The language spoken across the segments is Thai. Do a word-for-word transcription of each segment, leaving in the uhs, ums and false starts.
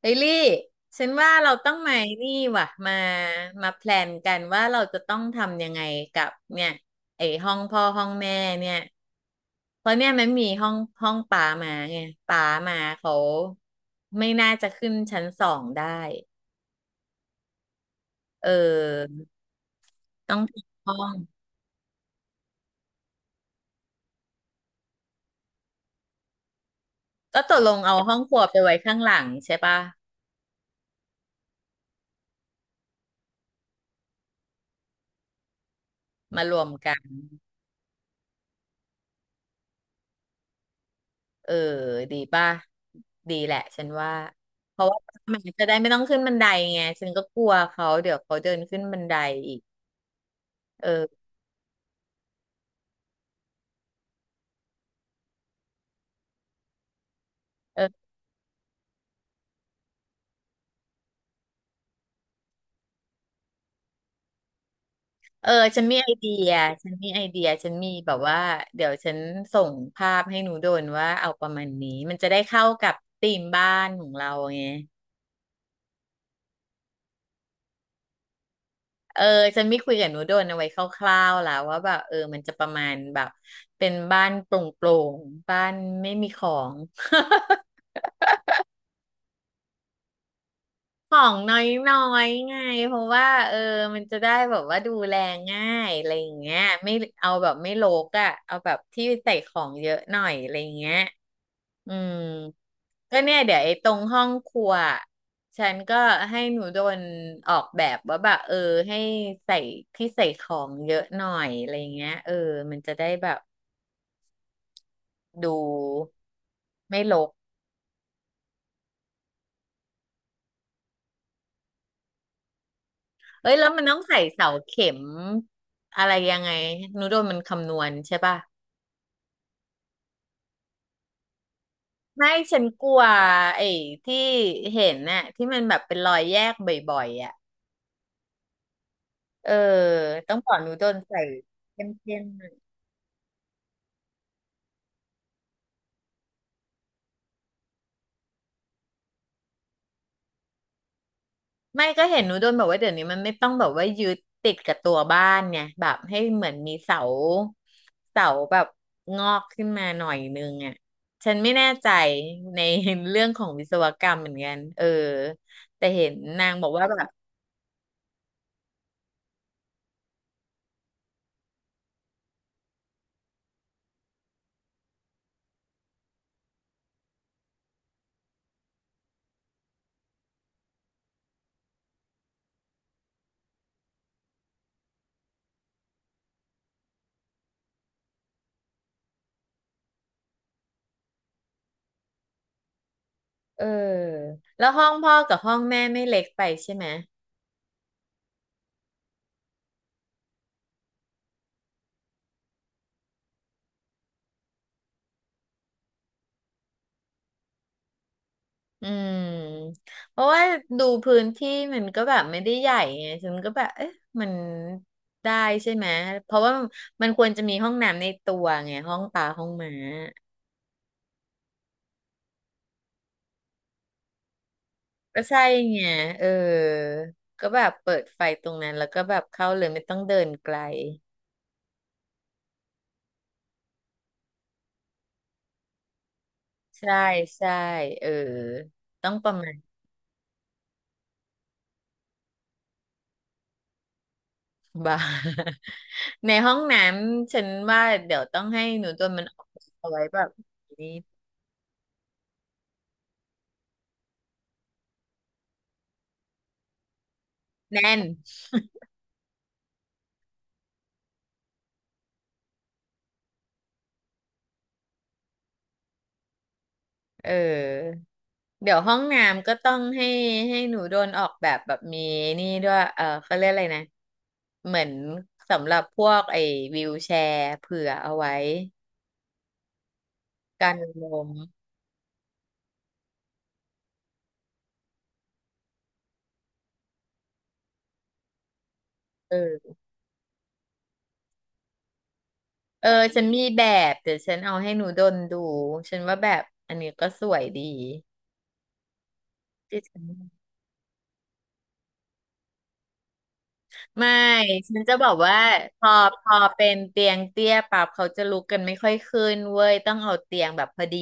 เฮลี่ฉันว่าเราต้องมานี่ว่ะมามาแพลนกันว่าเราจะต้องทำยังไงกับเนี่ยไอ้ห้องพ่อห้องแม่เนี่ยเพราะเนี่ยมันมีห้องห้องป๋ามาไงป๋ามาเขาไม่น่าจะขึ้นชั้นสองได้เออต้องปิดห้องก็ตกลงเอาห้องครัวไปไว้ข้างหลังใช่ปะมารวมกัน เออดีป่ะดีแหละฉันว่าเพราะว่ามันจะได้ไม่ต้องขึ้นบันไดไงฉันก็กลัวเขาเดี๋ยวเขาเดินขึ้นบันไดอีกเออเออเออฉันมีไอเดียฉันมีไอเดียฉันมีแบบว่าเดี๋ยวฉันส่งภาพให้หนูโดนว่าเอาประมาณนี้มันจะได้เข้ากับธีมบ้านของเราไงเออฉันไม่คุยกับหนูโดนเอาไว้คร่าวๆแล้วว่าแบบเออมันจะประมาณแบบเป็นบ้านโปร่งๆบ้านไม่มีของ ของน้อยๆไงเพราะว่าเออมันจะได้แบบว่าดูแลง่ายอะไรอย่างเงี้ยไม่เอาแบบไม่รกอ่ะเอาแบบที่ใส่ของเยอะหน่อยอะไรอย่างเงี้ยอืมก็เนี่ยเดี๋ยวไอ้ตรงห้องครัวฉันก็ให้หนูโดนออกแบบว่าแบบเออให้ใส่ที่ใส่ของเยอะหน่อยอะไรอย่างเงี้ยเออมันจะได้แบบดูไม่รก เอ้ยแล้วมันต้องใส่เสาเข็มอะไรยังไงนูโดนมันคำนวณใช่ป่ะไม่ฉันกลัวไอ้ที่เห็นน่ะที่มันแบบเป็นรอยแยกบ่อยๆอ่ะเออต้องบอกนูโดนใส่เข้มๆหน่อยไม่ก็เห็นนูโดนบอกว่าเดี๋ยวนี้มันไม่ต้องแบบว่ายึดติดกับตัวบ้านไงแบบให้เหมือนมีเสาเสาแบบงอกขึ้นมาหน่อยนึงอ่ะฉันไม่แน่ใจในเรื่องของวิศวกรรมเหมือนกันเออแต่เห็นนางบอกว่าแบบ เออแล้วห้องพ่อกับห้องแม่ไม่เล็กไปใช่ไหมอืมเพราะว่าดูพื้นที่มันก็แบบไม่ได้ใหญ่ไงฉันก็แบบเอ๊ะมันได้ใช่ไหมเพราะว่ามันควรจะมีห้องน้ำในตัวไงห้องปลาห้องหม้าก็ใช่ไงเออก็แบบเปิดไฟตรงนั้นแล้วก็แบบเข้าเลยไม่ต้องเดินไกลใช่ใช่เออต้องประมาณ บ่าย ในห้องน้ำฉันว่าเดี๋ยวต้องให้หนูตัวมันออกเอาไว้แบบนี้แน่นเออเดี๋ยวห้องน้ำก็ต้องให้ให้หนูโดนออกแบบแบบมีนี่ด้วยเออเขาเรียกอะไรนะเหมือนสำหรับพวกไอ้วีลแชร์เผื่อเอาไว้กันลมเออเออฉันมีแบบเดี๋ยวฉันเอาให้หนูดนดูฉันว่าแบบอันนี้ก็สวยดีที่ฉัน ไม่ฉันจะบอกว่าพอพอเป็นเตียงเตี้ยปั๊บเขาจะลุกกันไม่ค่อยขึ้นเว้ยต้องเอาเตียงแบบพอดี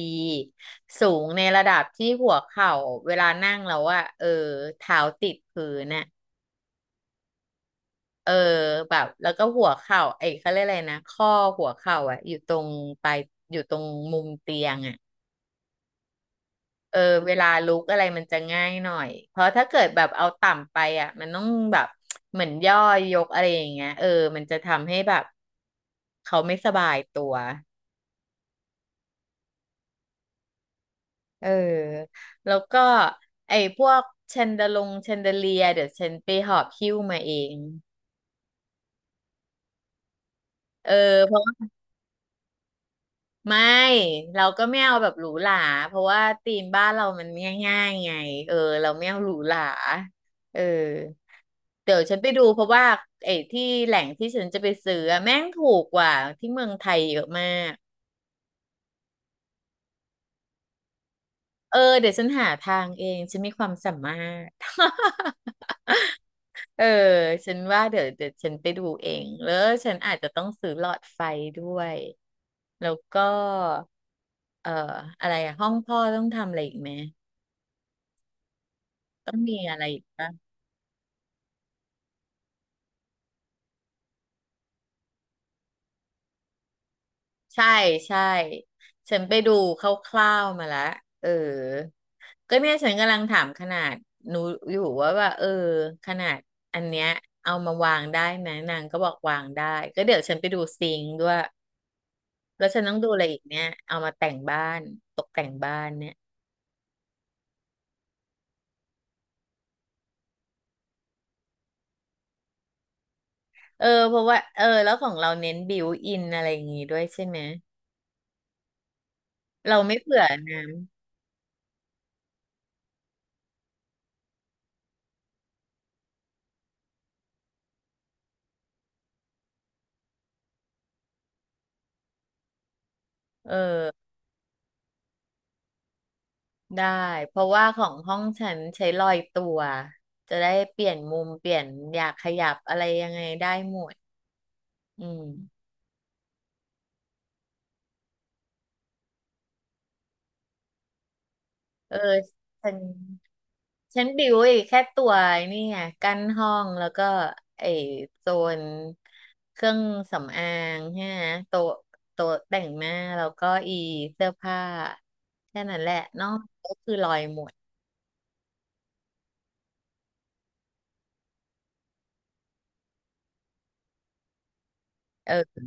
สูงในระดับที่หัวเข่าเวลานั่งแล้วอะเออเท้าติดพื้นน่ะเออแบบแล้วก็หัวเข่าไอ้เขาเรียกอะไรนะข้อหัวเข่าอะอยู่ตรงปลายอยู่ตรงมุมเตียงอะ เออเวลาลุกอะไรมันจะง่ายหน่อยเพราะถ้าเกิดแบบเอาต่ำไปอ่ะมันต้องแบบเหมือนย่อยยกอะไรอย่างเงี้ยเออมันจะทำให้แบบเขาไม่สบายตัวเออแล้วก็ไอ้พวกแชนเดลงแชนเดเลียเดี๋ยวฉันไปหอบหิ้วมาเองเออเพราะไม่เราก็ไม่เอาแบบหรูหราเพราะว่าธีมบ้านเรามันง่ายๆไงเออเราไม่เอาหรูหราเออ เดี๋ยวฉันไปดูเพราะว่าไอ้ที่แหล่งที่ฉันจะไปซื้ออะแม่งถูกกว่าที่เมืองไทยเยอะมากเออเดี๋ยวฉันหาทางเองฉันมีความสามารถ เออฉันว่าเดี๋ยวเดี๋ยวฉันไปดูเองแล้วฉันอาจจะต้องซื้อหลอดไฟด้วยแล้วก็เอ่ออะไรอะห้องพ่อต้องทำอะไรอีกไหมต้องมีอะไรอีกปะ ใช่ใช่ฉันไปดูคร่าวๆมาแล้วเออก็เนี่ยฉันกำลังถามขนาดหนูอยู่ว่าว่าเออขนาดอันเนี้ยเอามาวางได้ไหมนางก็บอกวางได้ก็เดี๋ยวฉันไปดูซิงค์ด้วยแล้วฉันต้องดูอะไรอีกเนี่ยเอามาแต่งบ้านตกแต่งบ้านเนี่ยเออเพราะว่าเออแล้วของเราเน้นบิวอินอะไรอย่างงี้ด้วยใช่ไหมเราไม่เผื่อนะ ได้เพราะว่าของห้องฉันใช้ลอยตัวจะได้เปลี่ยนมุมเปลี่ยนอยากขยับอะไรยังไงได้หมดอืมเออฉันฉันบิวไอ้แค่ตัวไอ้นี่ไงกั้นห้องแล้วก็ไอ้โซนเครื่องสำอางใช่ไหมโต๊ะโต๊ะแต่งหน้าแล้วก็อีเสื้อผ้าแค่นั้นแหละนอกก็คือลอยหมดเออ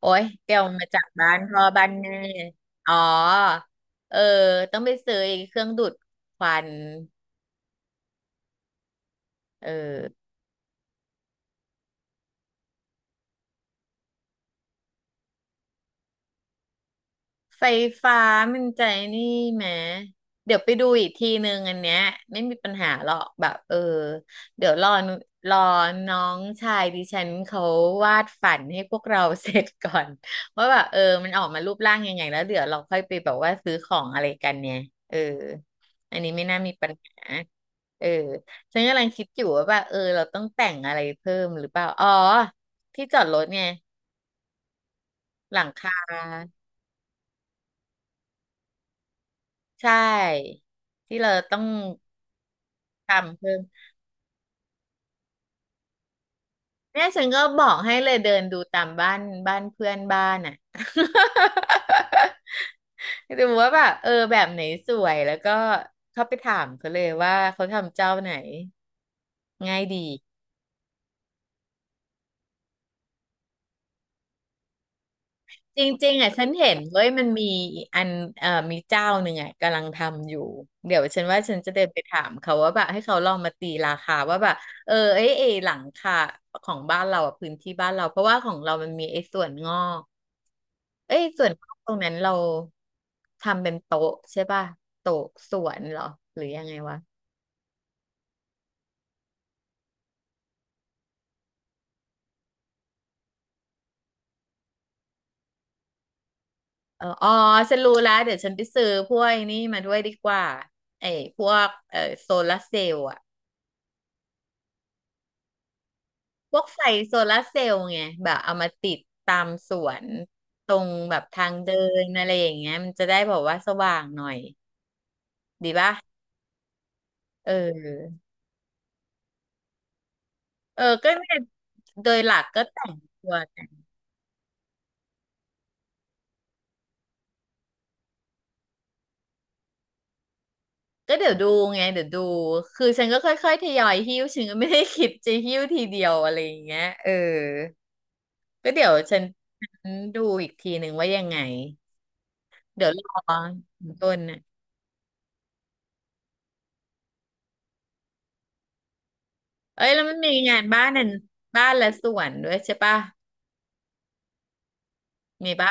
โอ้ยเดี๋ยวมาจากบ้านพ่อบ้านแม่อ๋อ เออ ต้องไปซื้อไอ้เครื่องดูดควันเออ ไฟฟ้ามันใจนี่แหมเดี๋ยวไปดูอีกทีนึงอันเนี้ยไม่มีปัญหาหรอกแบบเออเดี๋ยวรอนุรอน้องชายดิฉันเขาวาดฝันให้พวกเราเสร็จก่อน ว่าแบบเออมันออกมารูปร่างยังไงแล้วเดี๋ยวเราค่อยไปแบบว่าซื้อของอะไรกันเนี่ยเอออันนี้ไม่น่ามีปัญหาเออฉันกำลังคิดอยู่ว่าแบบเออเราต้องแต่งอะไรเพิ่มหรือเปล่าอ๋อที่จอดรถไงหลังคา ใช่ที่เราต้องทำเพิ่มเนี่ยฉันก็บอกให้เลยเดินดูตามบ้านบ้านเพื่อนบ้านอ่ะ ดูว่าแบบเออแบบไหนสวยแล้วก็เข้าไปถามเขาเลยว่าเขาทำเจ้าไหนง่ายดี จริงๆอ่ะฉันเห็นเว้ยมันมีอันเอ่อมีเจ้าหนึ่งอ่ะกำลังทำอยู่เดี๋ยวฉันว่าฉันจะเดินไปถามเขาว่าแบบให้เขาลองมาตีราคาว่าแบบเออไอ้ไอ้หลังคาของบ้านเราอ่ะพื้นที่บ้านเราเพราะว่าของเรามันมีไอ้ส่วนงอกเอ้ยส่วนงอกตรงนั้นเราทำเป็นโต๊ะใช่ป่ะโต๊ะสวนเหรอหรือยังไงวะเอออ๋อฉันรู้แล้วเดี๋ยวฉันไปซื้อพวกไอ้นี่มาด้วยดีกว่าไอ้พวกเออโซลาร์เซลล์อ่ะ พวกใส่โซลาร์เซลล์ไงแบบเอามาติดตามสวนตรงแบบทางเดินอะไรอย่างเงี้ยมันจะได้แบอกว่าสว่างหน่อยเออเออก็เนี่ยโดยหลักก็แต่งตัวกันก็เดี๋ยวดูไงเดี๋ยวดูคือฉันก็ค่อยๆทยอยหิ้วฉันก็ไม่ได้คิดจะหิ้วทีเดียวอะไรอย่างเงี้ยเออก็เดี๋ยวฉันฉันดูอีกทีหนึ่งว่ายังไงเดี๋ยวรอถึงต้นน่ะเอ้ยแล้วมันมีงานบ้านนั่นบ้านและสวนด้วยใช่ปะมีปะ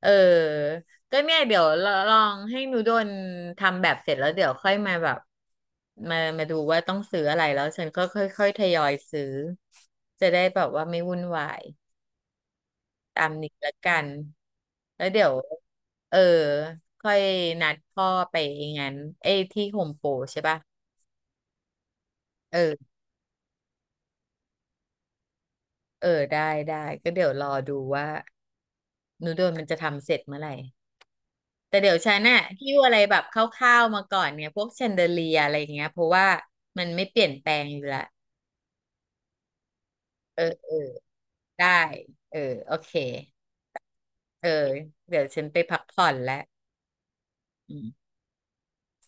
เออก็เนี่ยเดี๋ยวลอลองให้หนูโดนทำแบบเสร็จแล้วเดี๋ยวค่อยมาแบบมามาดูว่าต้องซื้ออะไรแล้วฉันก็ค่อยๆทยอยซื้อจะได้แบบว่าไม่วุ่นวายตามนี้ละกันแล้วเดี๋ยวเออค่อยนัดพ่อไปงั้นเอ้ยที่โฮมโปรใช่ปะเออเออได้ได้ก็เดี๋ยวรอดูว่าหนูโดนมันจะทำเสร็จเมื่อไหร่ แต่เดี๋ยวฉันน่ะหิ้วอะไรแบบคร่าวๆมาก่อนเนี่ยพวกแชนเดอเลียอะไรอย่างเงี้ยเพราะว่ามันไม่เปลี่ยนแปลงอยู่ละเออเออได้เออโอเคเออเดี๋ยวฉันไปพักผ่อนแล้ว